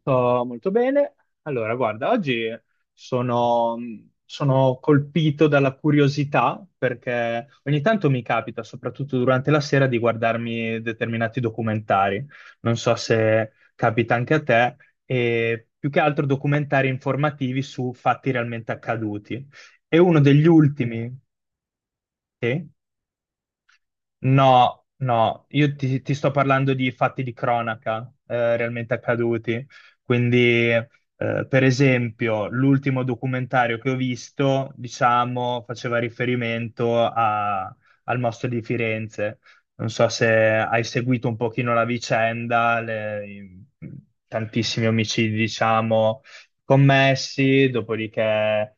Sto molto bene. Allora, guarda, oggi sono, sono colpito dalla curiosità perché ogni tanto mi capita, soprattutto durante la sera, di guardarmi determinati documentari. Non so se capita anche a te, e più che altro documentari informativi su fatti realmente accaduti. E uno degli ultimi, sì? No, no, io ti sto parlando di fatti di cronaca realmente accaduti. Quindi, per esempio, l'ultimo documentario che ho visto, diciamo, faceva riferimento al mostro di Firenze. Non so se hai seguito un pochino la vicenda, tantissimi omicidi, diciamo, commessi, dopodiché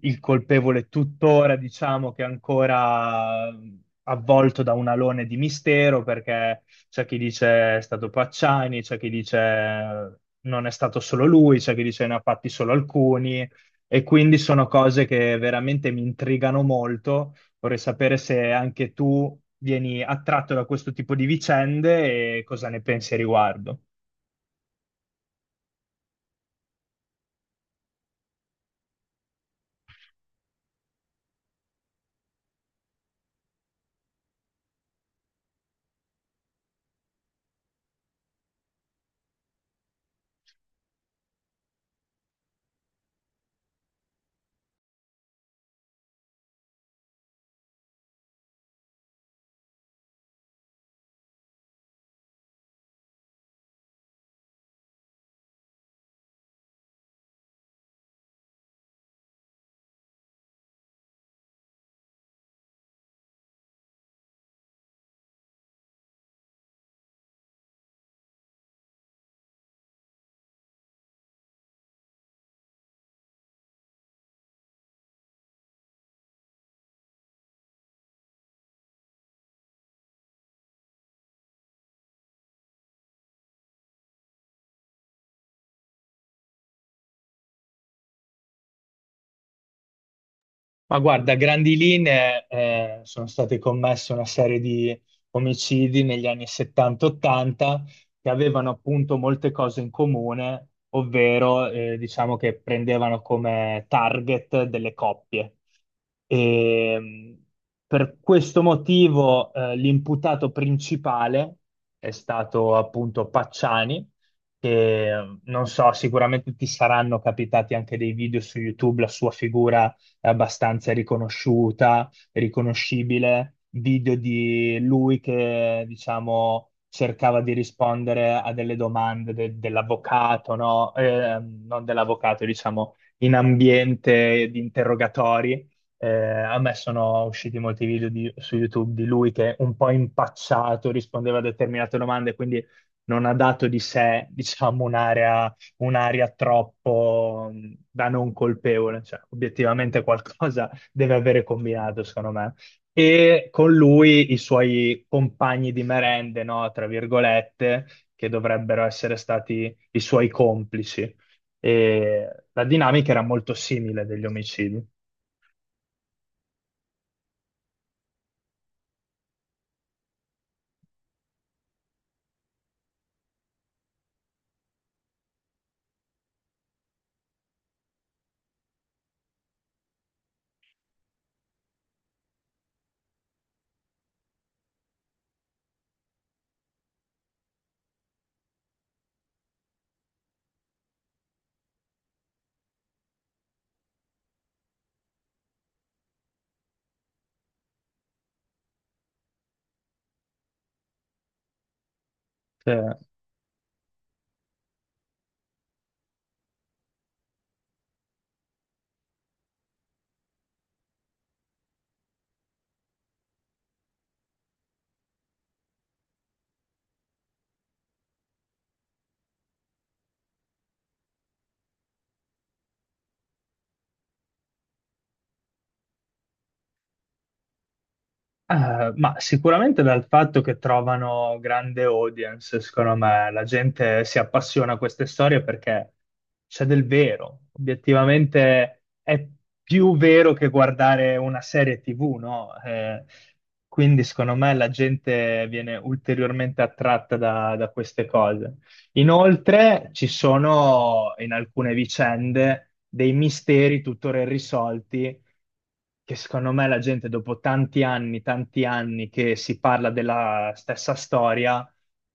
il colpevole tuttora, diciamo che è ancora avvolto da un alone di mistero, perché c'è chi dice è stato Pacciani, c'è chi dice non è stato solo lui, c'è chi dice ne ha fatti solo alcuni, e quindi sono cose che veramente mi intrigano molto. Vorrei sapere se anche tu vieni attratto da questo tipo di vicende e cosa ne pensi a riguardo. Ma guarda, a grandi linee sono state commesse una serie di omicidi negli anni 70-80 che avevano appunto molte cose in comune, ovvero diciamo che prendevano come target delle coppie. E, mh, per questo motivo l'imputato principale è stato appunto Pacciani, che non so, sicuramente ti saranno capitati anche dei video su YouTube, la sua figura abbastanza riconosciuta, riconoscibile, video di lui che, diciamo, cercava di rispondere a delle domande dell'avvocato, no? Non dell'avvocato, diciamo, in ambiente di interrogatori. A me sono usciti molti video su YouTube di lui che un po' impacciato rispondeva a determinate domande, quindi non ha dato di sé, diciamo, un'aria troppo da non colpevole, cioè obiettivamente qualcosa deve avere combinato, secondo me. E con lui i suoi compagni di merende, no, tra virgolette, che dovrebbero essere stati i suoi complici. E la dinamica era molto simile degli omicidi. Cioè, ma sicuramente dal fatto che trovano grande audience, secondo me, la gente si appassiona a queste storie perché c'è del vero. Obiettivamente è più vero che guardare una serie TV, no? Quindi secondo me la gente viene ulteriormente attratta da queste cose. Inoltre ci sono in alcune vicende dei misteri tuttora irrisolti che secondo me la gente dopo tanti anni che si parla della stessa storia,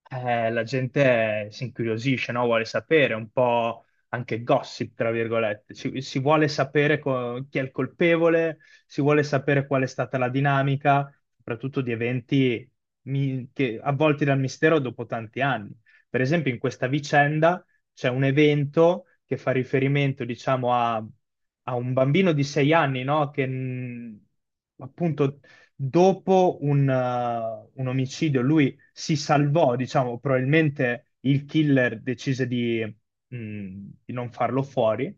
la gente si incuriosisce, no? Vuole sapere un po' anche gossip, tra virgolette. Si vuole sapere chi è il colpevole, si vuole sapere qual è stata la dinamica, soprattutto di eventi che, avvolti dal mistero dopo tanti anni. Per esempio, in questa vicenda c'è un evento che fa riferimento, diciamo, a, un bambino di 6 anni, no? Che appunto dopo un omicidio lui si salvò, diciamo, probabilmente il killer decise mh, di non farlo fuori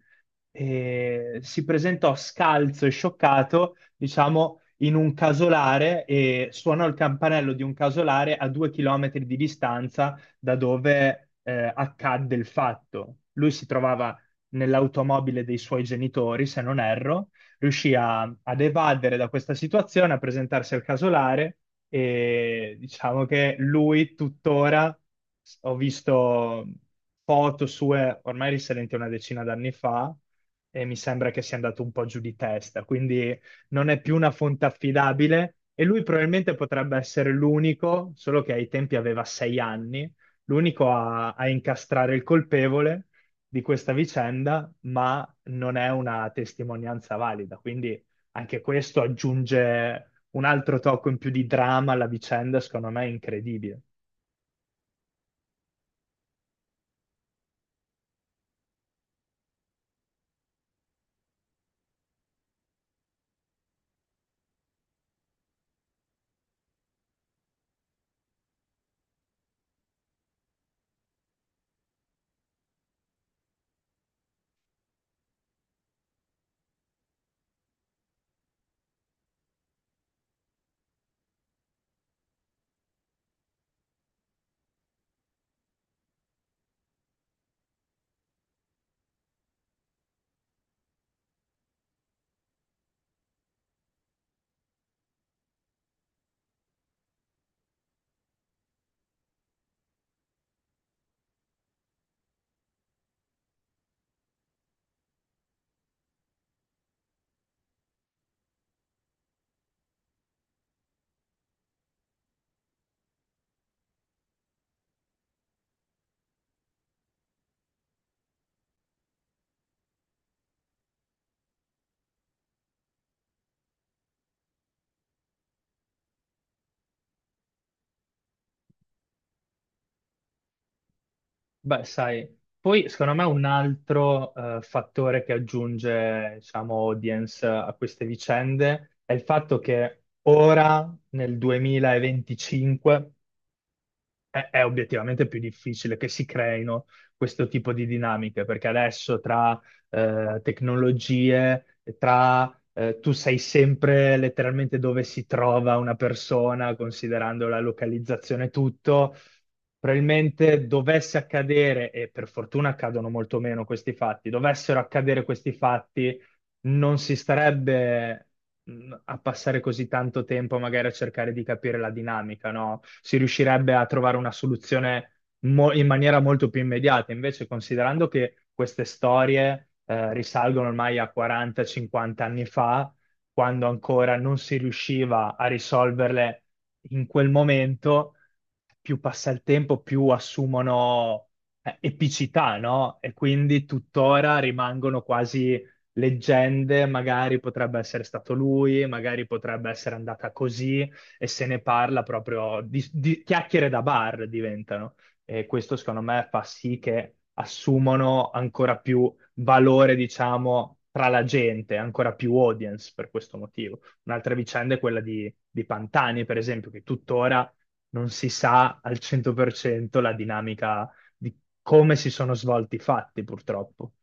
e si presentò scalzo e scioccato, diciamo, in un casolare e suonò il campanello di un casolare a 2 chilometri di distanza da dove accadde il fatto. Lui si trovava nell'automobile dei suoi genitori, se non erro, riuscì ad evadere da questa situazione, a presentarsi al casolare e diciamo che lui tuttora, ho visto foto sue ormai risalenti a una decina d'anni fa, e mi sembra che sia andato un po' giù di testa, quindi non è più una fonte affidabile e lui probabilmente potrebbe essere l'unico, solo che ai tempi aveva 6 anni, l'unico a incastrare il colpevole di questa vicenda, ma non è una testimonianza valida. Quindi anche questo aggiunge un altro tocco in più di dramma alla vicenda, secondo me è incredibile. Beh, sai, poi secondo me un altro fattore che aggiunge, diciamo, audience a queste vicende è il fatto che ora, nel 2025, è obiettivamente più difficile che si creino questo tipo di dinamiche, perché adesso tra tecnologie, tra tu sai sempre letteralmente dove si trova una persona, considerando la localizzazione e tutto. Probabilmente dovesse accadere, e per fortuna accadono molto meno questi fatti, dovessero accadere questi fatti non si starebbe a passare così tanto tempo magari a cercare di capire la dinamica, no? Si riuscirebbe a trovare una soluzione in maniera molto più immediata. Invece, considerando che queste storie risalgono ormai a 40-50 anni fa, quando ancora non si riusciva a risolverle in quel momento, più passa il tempo, più assumono epicità, no? E quindi tuttora rimangono quasi leggende, magari potrebbe essere stato lui, magari potrebbe essere andata così e se ne parla proprio di, chiacchiere da bar diventano. E questo secondo me fa sì che assumono ancora più valore, diciamo, tra la gente, ancora più audience per questo motivo. Un'altra vicenda è quella di, Pantani, per esempio, che tuttora non si sa al 100% la dinamica di come si sono svolti i fatti, purtroppo.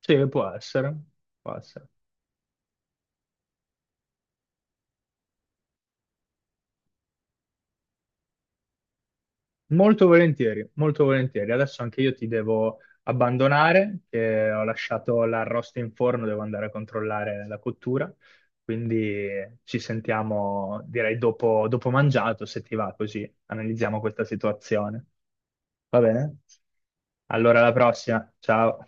Sì, può essere, può essere. Molto volentieri, molto volentieri. Adesso anche io ti devo abbandonare, che ho lasciato l'arrosto in forno, devo andare a controllare la cottura. Quindi ci sentiamo, direi, dopo, dopo mangiato, se ti va, così analizziamo questa situazione. Va bene? Allora, alla prossima. Ciao.